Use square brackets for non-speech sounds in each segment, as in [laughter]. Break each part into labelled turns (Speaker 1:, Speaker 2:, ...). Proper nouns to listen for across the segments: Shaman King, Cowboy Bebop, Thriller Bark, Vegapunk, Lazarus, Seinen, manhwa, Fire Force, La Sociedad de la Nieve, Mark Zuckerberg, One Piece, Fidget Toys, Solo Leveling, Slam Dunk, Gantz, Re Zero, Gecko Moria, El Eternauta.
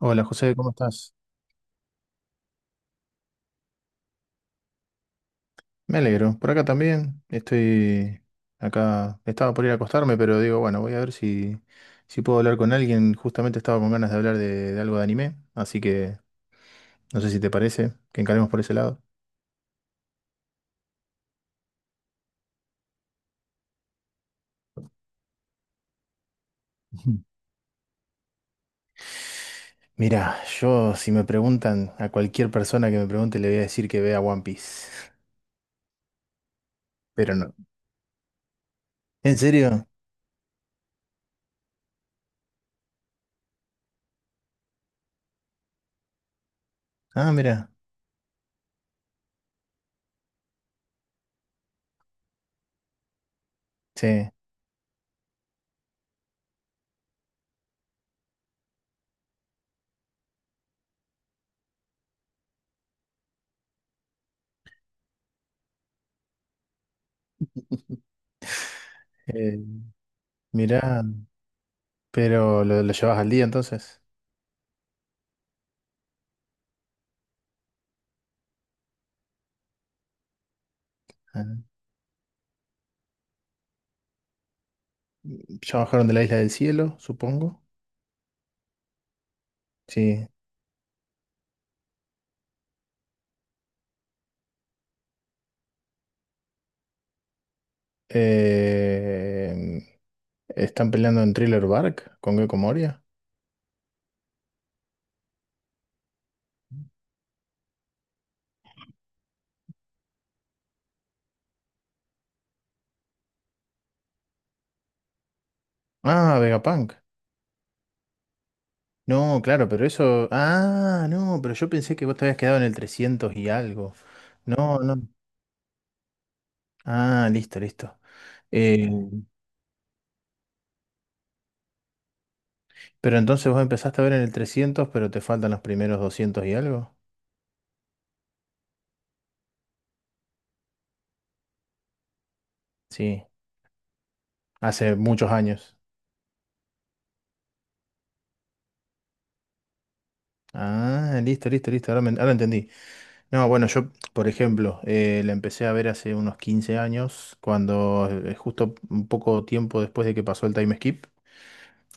Speaker 1: Hola José, ¿cómo estás? Me alegro. Por acá también. Estoy acá. Estaba por ir a acostarme, pero digo, bueno, voy a ver si, si puedo hablar con alguien. Justamente estaba con ganas de hablar de algo de anime, así que no sé si te parece que encaremos por ese lado. Ujú. Mira, yo si me preguntan a cualquier persona que me pregunte, le voy a decir que vea One Piece, [laughs] pero no. ¿En serio? Ah, mira. Sí. Eh, Mira, pero lo llevas al día entonces. Ah, ya bajaron de la Isla del Cielo, supongo. Sí. Eh, Están peleando en Thriller Bark con Gecko Moria? Ah, Vegapunk. No, claro, pero eso. Ah, no, pero yo pensé que vos te habías quedado en el 300 y algo. No, no. Ah, listo, listo. Eh, pero entonces vos empezaste a ver en el 300, pero te faltan los primeros 200 y algo. Sí, hace muchos años. Ah, listo, listo, listo. Ahora, ahora entendí. No, bueno, yo, por ejemplo, la empecé a ver hace unos 15 años, cuando justo un poco tiempo después de que pasó el time skip,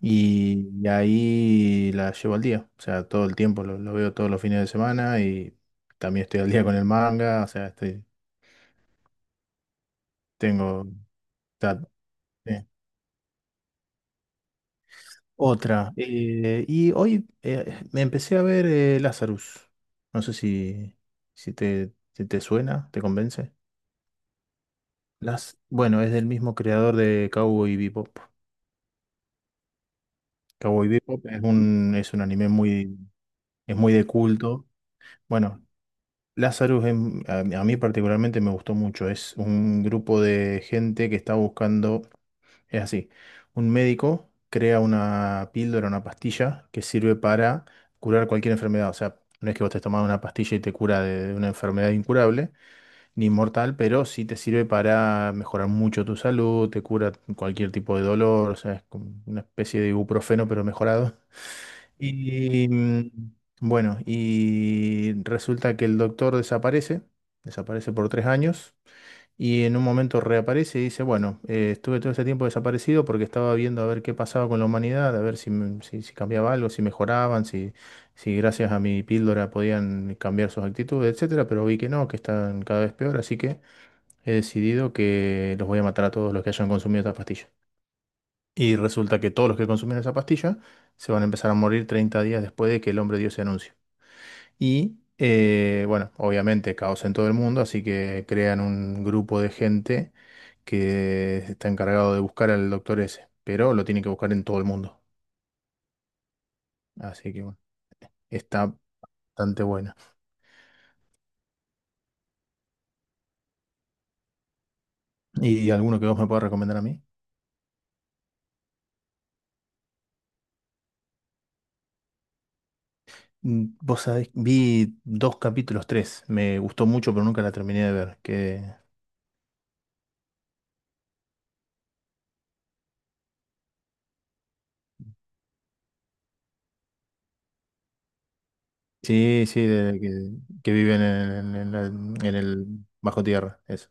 Speaker 1: y ahí la llevo al día, o sea, todo el tiempo, lo veo todos los fines de semana y también estoy al día con el manga, o sea, estoy, tengo ta- eh, otra. Y hoy me empecé a ver Lazarus, no sé si, si te suena, te convence. Las, bueno, es del mismo creador de Cowboy Bebop. Cowboy Bebop es es un anime muy, es muy de culto. Bueno, Lazarus a mí particularmente me gustó mucho. Es un grupo de gente que está buscando, es así, un médico crea una píldora, una pastilla que sirve para curar cualquier enfermedad. O sea, no es que vos te tomás una pastilla y te cura de una enfermedad incurable ni mortal, pero sí te sirve para mejorar mucho tu salud, te cura cualquier tipo de dolor, o sea, es como una especie de ibuprofeno pero mejorado. Y bueno, y resulta que el doctor desaparece, desaparece por tres años, y en un momento reaparece y dice, bueno, estuve todo ese tiempo desaparecido porque estaba viendo a ver qué pasaba con la humanidad, a ver si, si, si cambiaba algo, si mejoraban, si, si gracias a mi píldora podían cambiar sus actitudes, etcétera, pero vi que no, que están cada vez peor, así que he decidido que los voy a matar a todos los que hayan consumido estas pastillas. Y resulta que todos los que consumen esa pastilla se van a empezar a morir 30 días después de que el hombre Dios se anuncie. Y bueno, obviamente caos en todo el mundo, así que crean un grupo de gente que está encargado de buscar al doctor ese, pero lo tienen que buscar en todo el mundo. Así que bueno, está bastante buena. ¿Y alguno que vos me puedas recomendar a mí? Mm, vos sabés, vi dos capítulos, tres. Me gustó mucho, pero nunca la terminé de ver. ¿Qué, sí, sí, que viven en, en en el bajo tierra, eso.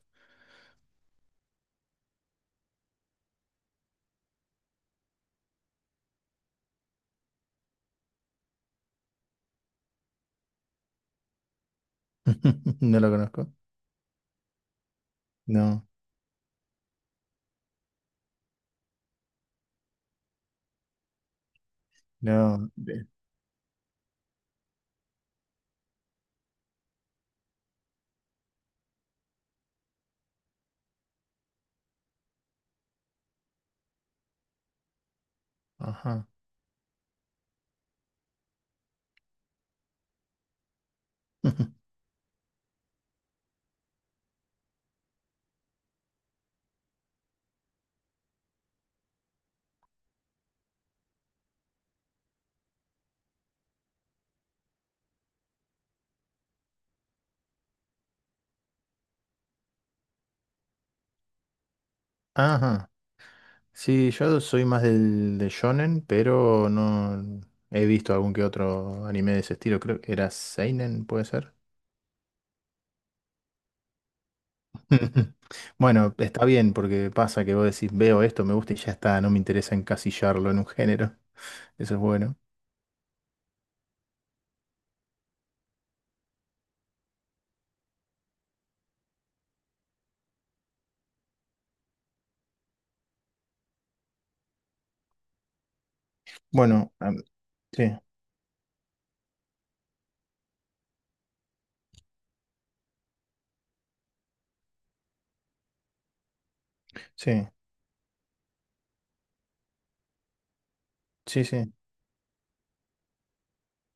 Speaker 1: [laughs] No lo conozco. No, no. Ajá. [laughs] Ajá. Sí, yo soy más del, del shonen, pero no he visto algún que otro anime de ese estilo. Creo que era Seinen, puede ser. [laughs] Bueno, está bien, porque pasa que vos decís, veo esto, me gusta y ya está, no me interesa encasillarlo en un género. Eso es bueno. Bueno, sí, sí, sí, sí.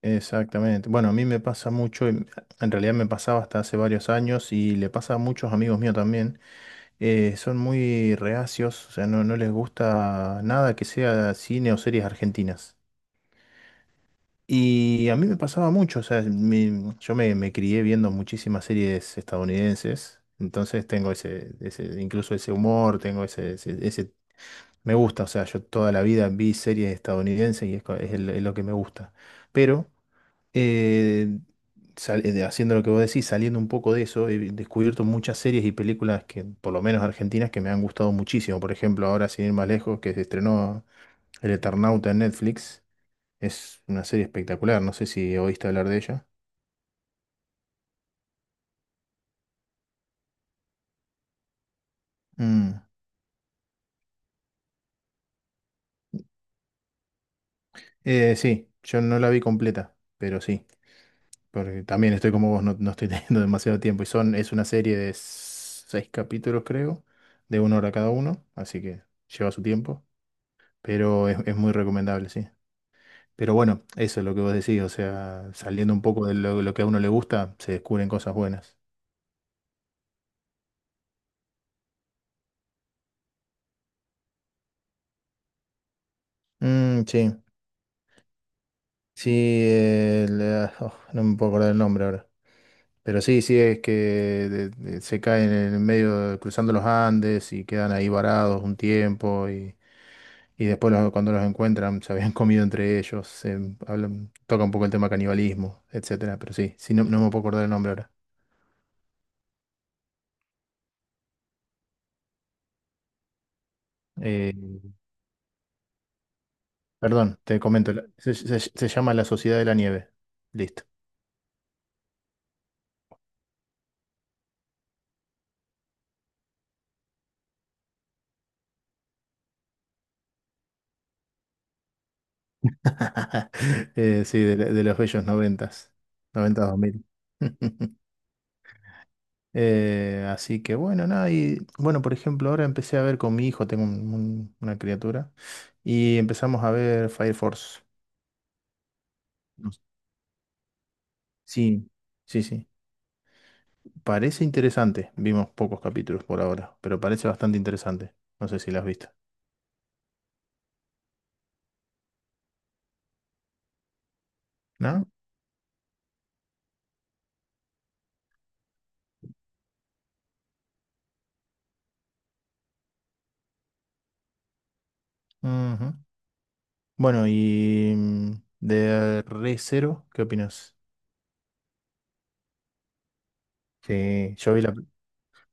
Speaker 1: Exactamente. Bueno, a mí me pasa mucho, en realidad me pasaba hasta hace varios años y le pasa a muchos amigos míos también. Son muy reacios, o sea, no, no les gusta nada que sea cine o series argentinas. Y a mí me pasaba mucho, o sea, yo me, me crié viendo muchísimas series estadounidenses, entonces tengo ese, ese incluso ese humor, tengo ese, ese, me gusta, o sea, yo toda la vida vi series estadounidenses y es, es es lo que me gusta. Pero eh, haciendo lo que vos decís, saliendo un poco de eso, he descubierto muchas series y películas que, por lo menos argentinas, que me han gustado muchísimo. Por ejemplo, ahora sin ir más lejos, que se estrenó El Eternauta en Netflix. Es una serie espectacular, no sé si oíste hablar de ella. Mm. Sí, yo no la vi completa, pero sí, porque también estoy como vos, no, no estoy [laughs] teniendo demasiado tiempo. Y son, es una serie de seis capítulos, creo, de una hora cada uno, así que lleva su tiempo, pero es muy recomendable, sí. Pero bueno, eso es lo que vos decís, o sea, saliendo un poco de lo que a uno le gusta, se descubren cosas buenas. Mm, sí, sí, oh, no me puedo acordar el nombre ahora. Pero sí, sí, es que se caen en el medio, cruzando los Andes y quedan ahí varados un tiempo y después cuando los encuentran se habían [laughs] comido entre ellos, se toca un poco el tema canibalismo, etcétera. Pero sí, sí, no, no me puedo acordar el nombre ahora. Eh, Perdón, te comento, se llama La Sociedad de la Nieve. Listo. [laughs] Sí, de los bellos noventas, noventas dos mil. [laughs] Así que bueno, nada, y bueno, por ejemplo, ahora empecé a ver con mi hijo, tengo una criatura, y empezamos a ver Fire Force. No sé. Sí, sí, sí. Parece interesante, vimos pocos capítulos por ahora, pero parece bastante interesante. No sé si la has visto, ¿no? Ujú. Bueno, y mm, de Re Zero, ¿qué opinas? Sí, yo vi la,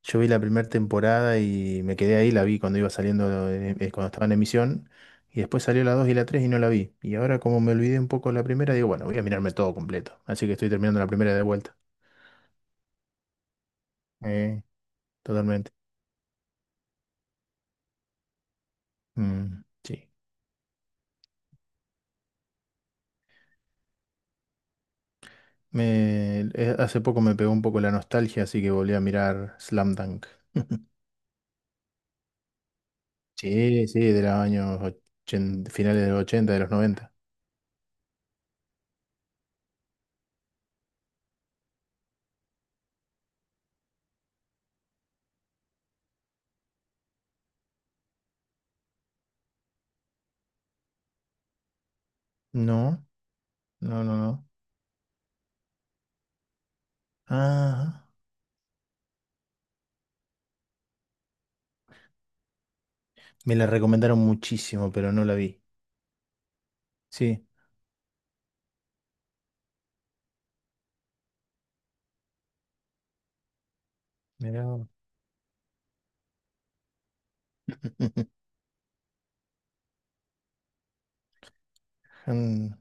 Speaker 1: Yo vi la primera temporada y me quedé ahí, la vi cuando iba saliendo, cuando estaba en emisión, y después salió la 2 y la 3 y no la vi. Y ahora como me olvidé un poco de la primera, digo, bueno, voy a mirarme todo completo. Así que estoy terminando la primera de vuelta. Eh, totalmente. Mm, sí. Hace poco me pegó un poco la nostalgia, así que volví a mirar Slam Dunk. [laughs] Sí, sí, de los años 80, finales de los 80, de los noventa. No, no, no, no. Ah, me la recomendaron muchísimo, pero no la vi. Sí. Mirá. [laughs] Mm,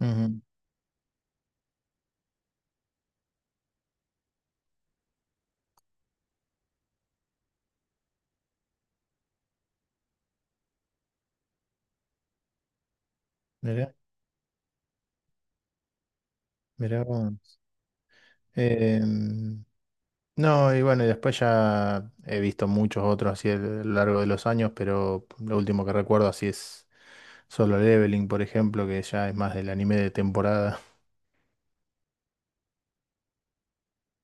Speaker 1: ujú. Mirá, mirá vos. Em, no, y bueno, y después ya he visto muchos otros así a lo largo de los años, pero lo último que recuerdo así es Solo Leveling, por ejemplo, que ya es más del anime de temporada. [laughs]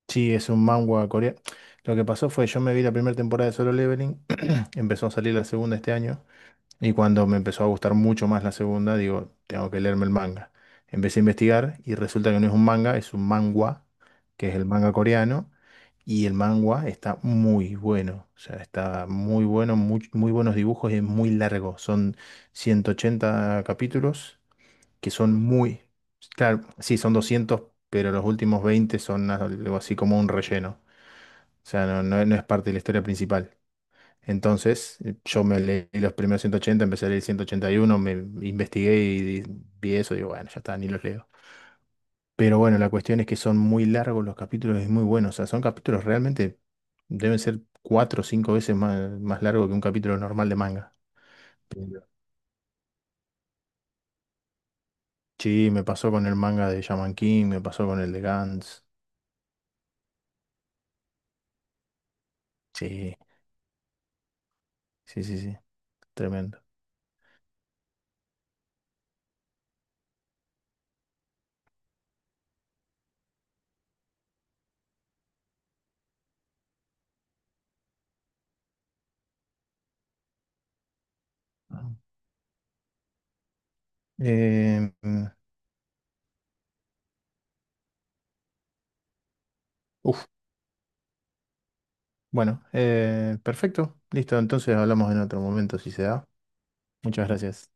Speaker 1: Sí, es un manga coreano. Lo que pasó fue, yo me vi la primera temporada de Solo Leveling, [clears throat] empezó a salir la segunda este año. Y cuando me empezó a gustar mucho más la segunda, digo, tengo que leerme el manga. Empecé a investigar y resulta que no es un manga, es un manhwa, que es el manga coreano, y el manhwa está muy bueno, o sea, está muy bueno, muy, muy buenos dibujos y es muy largo. Son 180 capítulos que son muy, claro, sí, son 200, pero los últimos 20 son algo así como un relleno. O sea, no, no es parte de la historia principal. Entonces, yo me leí los primeros 180, empecé a leer 181, me investigué y vi eso, digo, bueno, ya está, ni los leo. Pero bueno, la cuestión es que son muy largos los capítulos y muy buenos. O sea, son capítulos realmente, deben ser cuatro o cinco veces más, más largo que un capítulo normal de manga. Pero- Sí, me pasó con el manga de Shaman King, me pasó con el de Gantz. Sí, sí, sí, sí, tremendo. Ah. Eh, mm, uf, bueno, perfecto, listo, entonces hablamos en otro momento si se da. Muchas gracias.